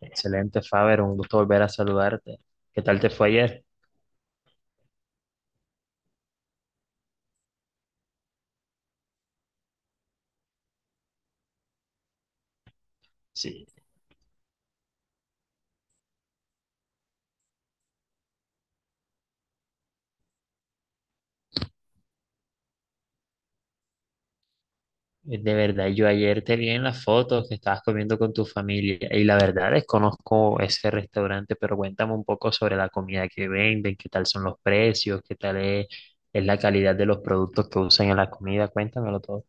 Excelente, Faber, un gusto volver a saludarte. ¿Qué tal te fue ayer? Sí, de verdad, yo ayer te vi en las fotos que estabas comiendo con tu familia y la verdad desconozco ese restaurante, pero cuéntame un poco sobre la comida que venden, qué tal son los precios, qué tal es la calidad de los productos que usan en la comida, cuéntamelo todo.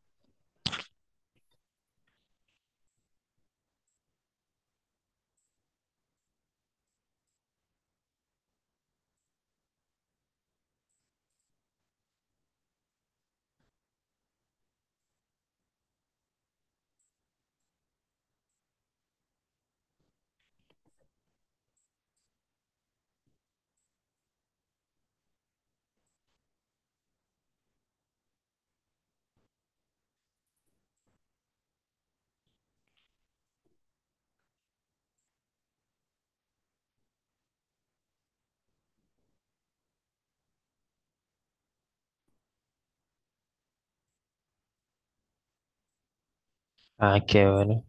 Ah, qué bueno.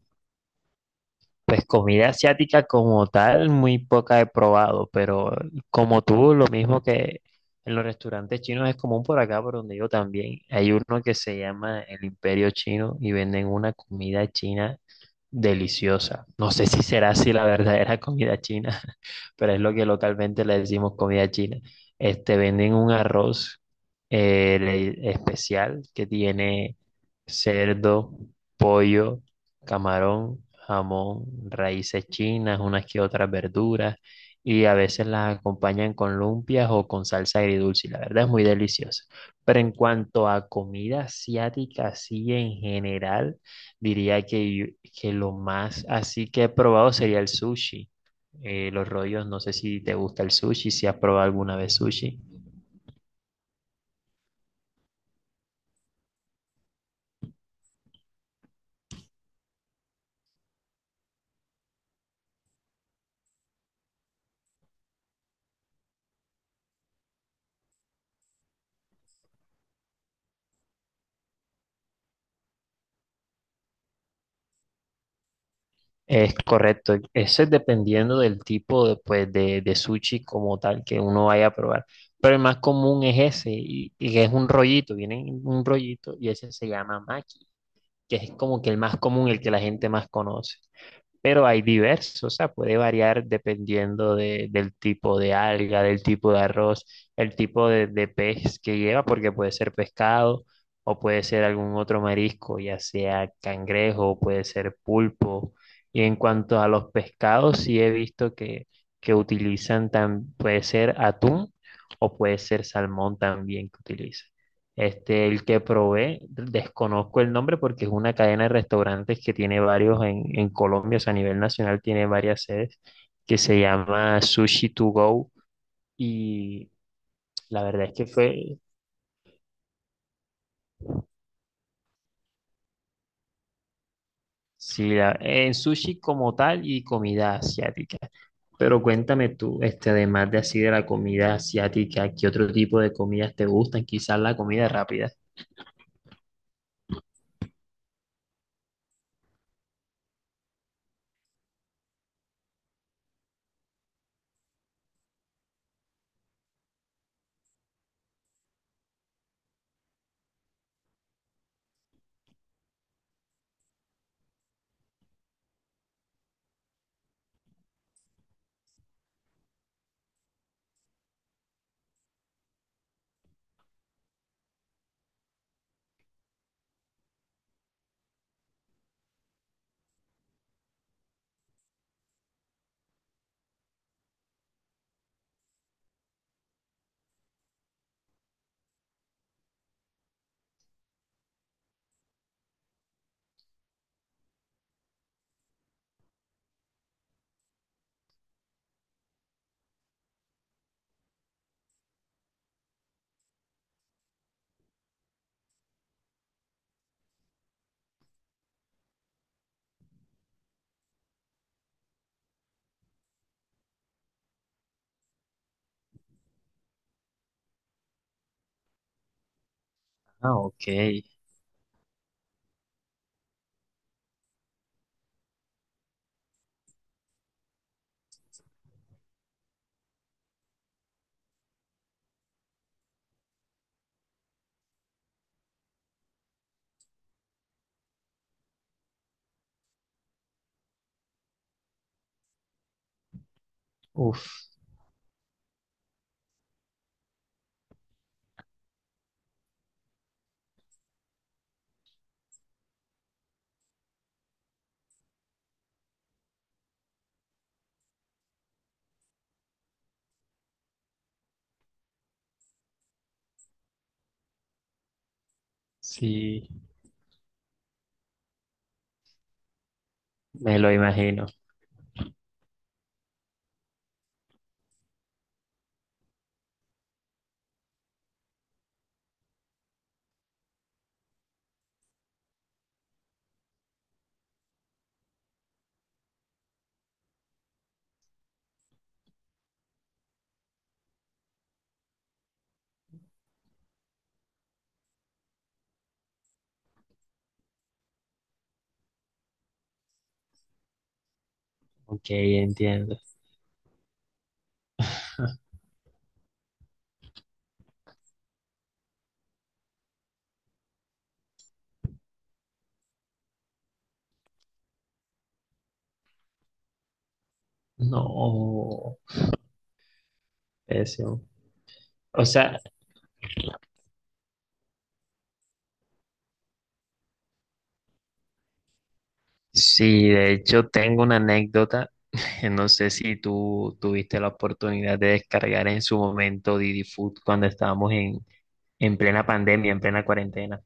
Pues comida asiática como tal, muy poca he probado, pero como tú, lo mismo que en los restaurantes chinos es común por acá, por donde yo también. Hay uno que se llama el Imperio Chino y venden una comida china deliciosa. No sé si será así la verdadera comida china, pero es lo que localmente le decimos comida china. Este, venden un arroz especial que tiene cerdo, pollo, camarón, jamón, raíces chinas, unas que otras verduras, y a veces las acompañan con lumpias o con salsa agridulce. Y la verdad es muy deliciosa. Pero en cuanto a comida asiática, así en general, diría que lo más así que he probado sería el sushi. Los rollos, no sé si te gusta el sushi, si has probado alguna vez sushi. Es correcto, eso es dependiendo del tipo de, pues, de sushi como tal que uno vaya a probar. Pero el más común es ese, y es un rollito, viene en un rollito y ese se llama maki, que es como que el más común, el que la gente más conoce. Pero hay diversos, o sea, puede variar dependiendo del tipo de alga, del tipo de arroz, el tipo de pez que lleva, porque puede ser pescado o puede ser algún otro marisco, ya sea cangrejo, puede ser pulpo. Y en cuanto a los pescados, sí he visto que utilizan, puede ser atún o puede ser salmón también que utilizan. Este, el que probé, desconozco el nombre porque es una cadena de restaurantes que tiene varios en Colombia, o sea, a nivel nacional tiene varias sedes, que se llama Sushi To Go. Y la verdad es que fue, sí, en sushi como tal y comida asiática. Pero cuéntame tú, este, además de así de la comida asiática, ¿qué otro tipo de comidas te gustan? Quizás la comida rápida. Ah, ok. Uf, sí, me lo imagino. Ok, entiendo. No, pésimo. O sea, sí, de hecho tengo una anécdota. No sé si tú tuviste la oportunidad de descargar en su momento Didi Food cuando estábamos en plena pandemia, en plena cuarentena.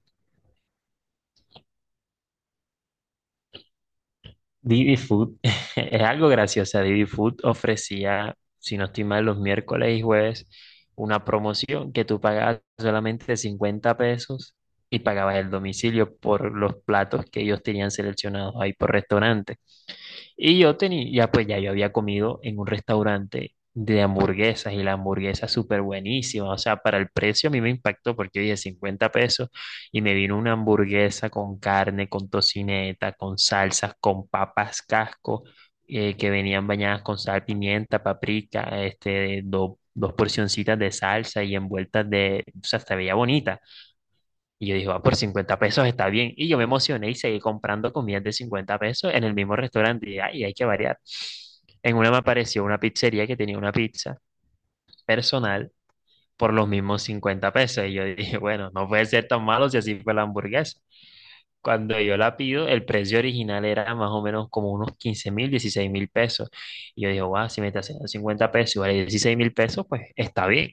Didi Food es algo gracioso. Didi Food ofrecía, si no estoy mal, los miércoles y jueves una promoción que tú pagabas solamente $50 y pagabas el domicilio por los platos que ellos tenían seleccionados ahí por restaurante. Y yo tenía, ya pues ya yo había comido en un restaurante de hamburguesas y la hamburguesa súper buenísima. O sea, para el precio a mí me impactó porque yo dije $50 y me vino una hamburguesa con carne, con tocineta, con salsas, con papas casco, que venían bañadas con sal, pimienta, paprika, este, dos porcioncitas de salsa y envueltas de, o sea, se veía bonita. Y yo dije, va, por $50 está bien. Y yo me emocioné y seguí comprando comidas de $50 en el mismo restaurante. Y ay, hay que variar. En una me apareció una pizzería que tenía una pizza personal por los mismos $50. Y yo dije, bueno, no puede ser tan malo si así fue la hamburguesa. Cuando yo la pido, el precio original era más o menos como unos 15.000, $16.000. Y yo dije, wow, si me está haciendo $50 y vale $16.000, pues está bien.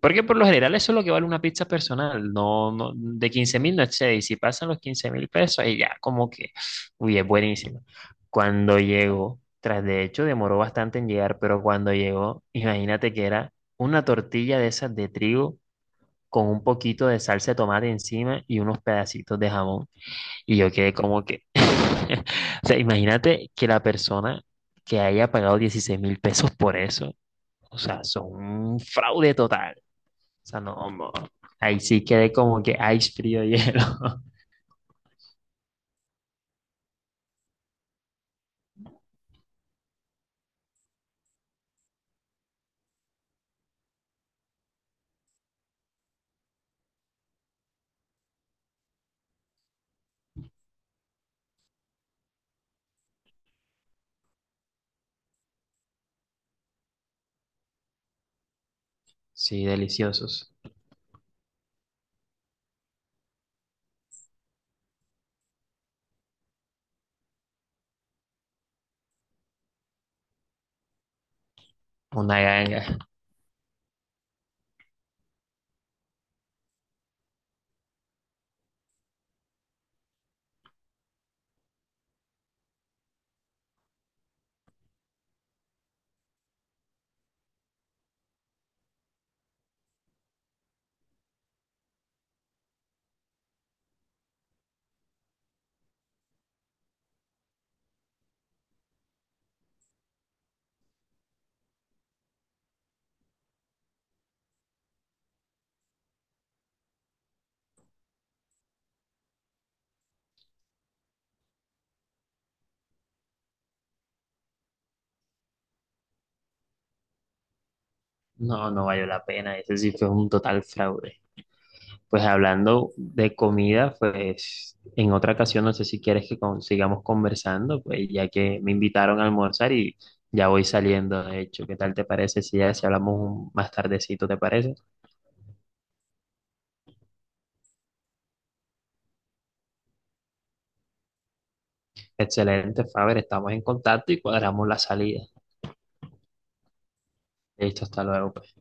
Porque por lo general eso es lo que vale una pizza personal, no, no de 15.000 no excede, y si pasan los $15.000, ahí ya como que, uy, es buenísimo. Cuando llegó, tras de hecho demoró bastante en llegar, pero cuando llegó, imagínate que era una tortilla de esas de trigo con un poquito de salsa de tomate encima y unos pedacitos de jamón. Y yo quedé como que, o sea, imagínate que la persona que haya pagado $16.000 por eso, o sea, son un fraude total. O sea, no, ahí sí quedé como que ice frío hielo. Sí, deliciosos. Una ganga. No, no valió la pena. Ese sí fue un total fraude. Pues hablando de comida, pues en otra ocasión, no sé si quieres que sigamos conversando, pues ya que me invitaron a almorzar y ya voy saliendo, de hecho. ¿Qué tal te parece si ya si hablamos más tardecito, te parece? Excelente, Faber, estamos en contacto y cuadramos la salida. Listo, hasta luego, pues.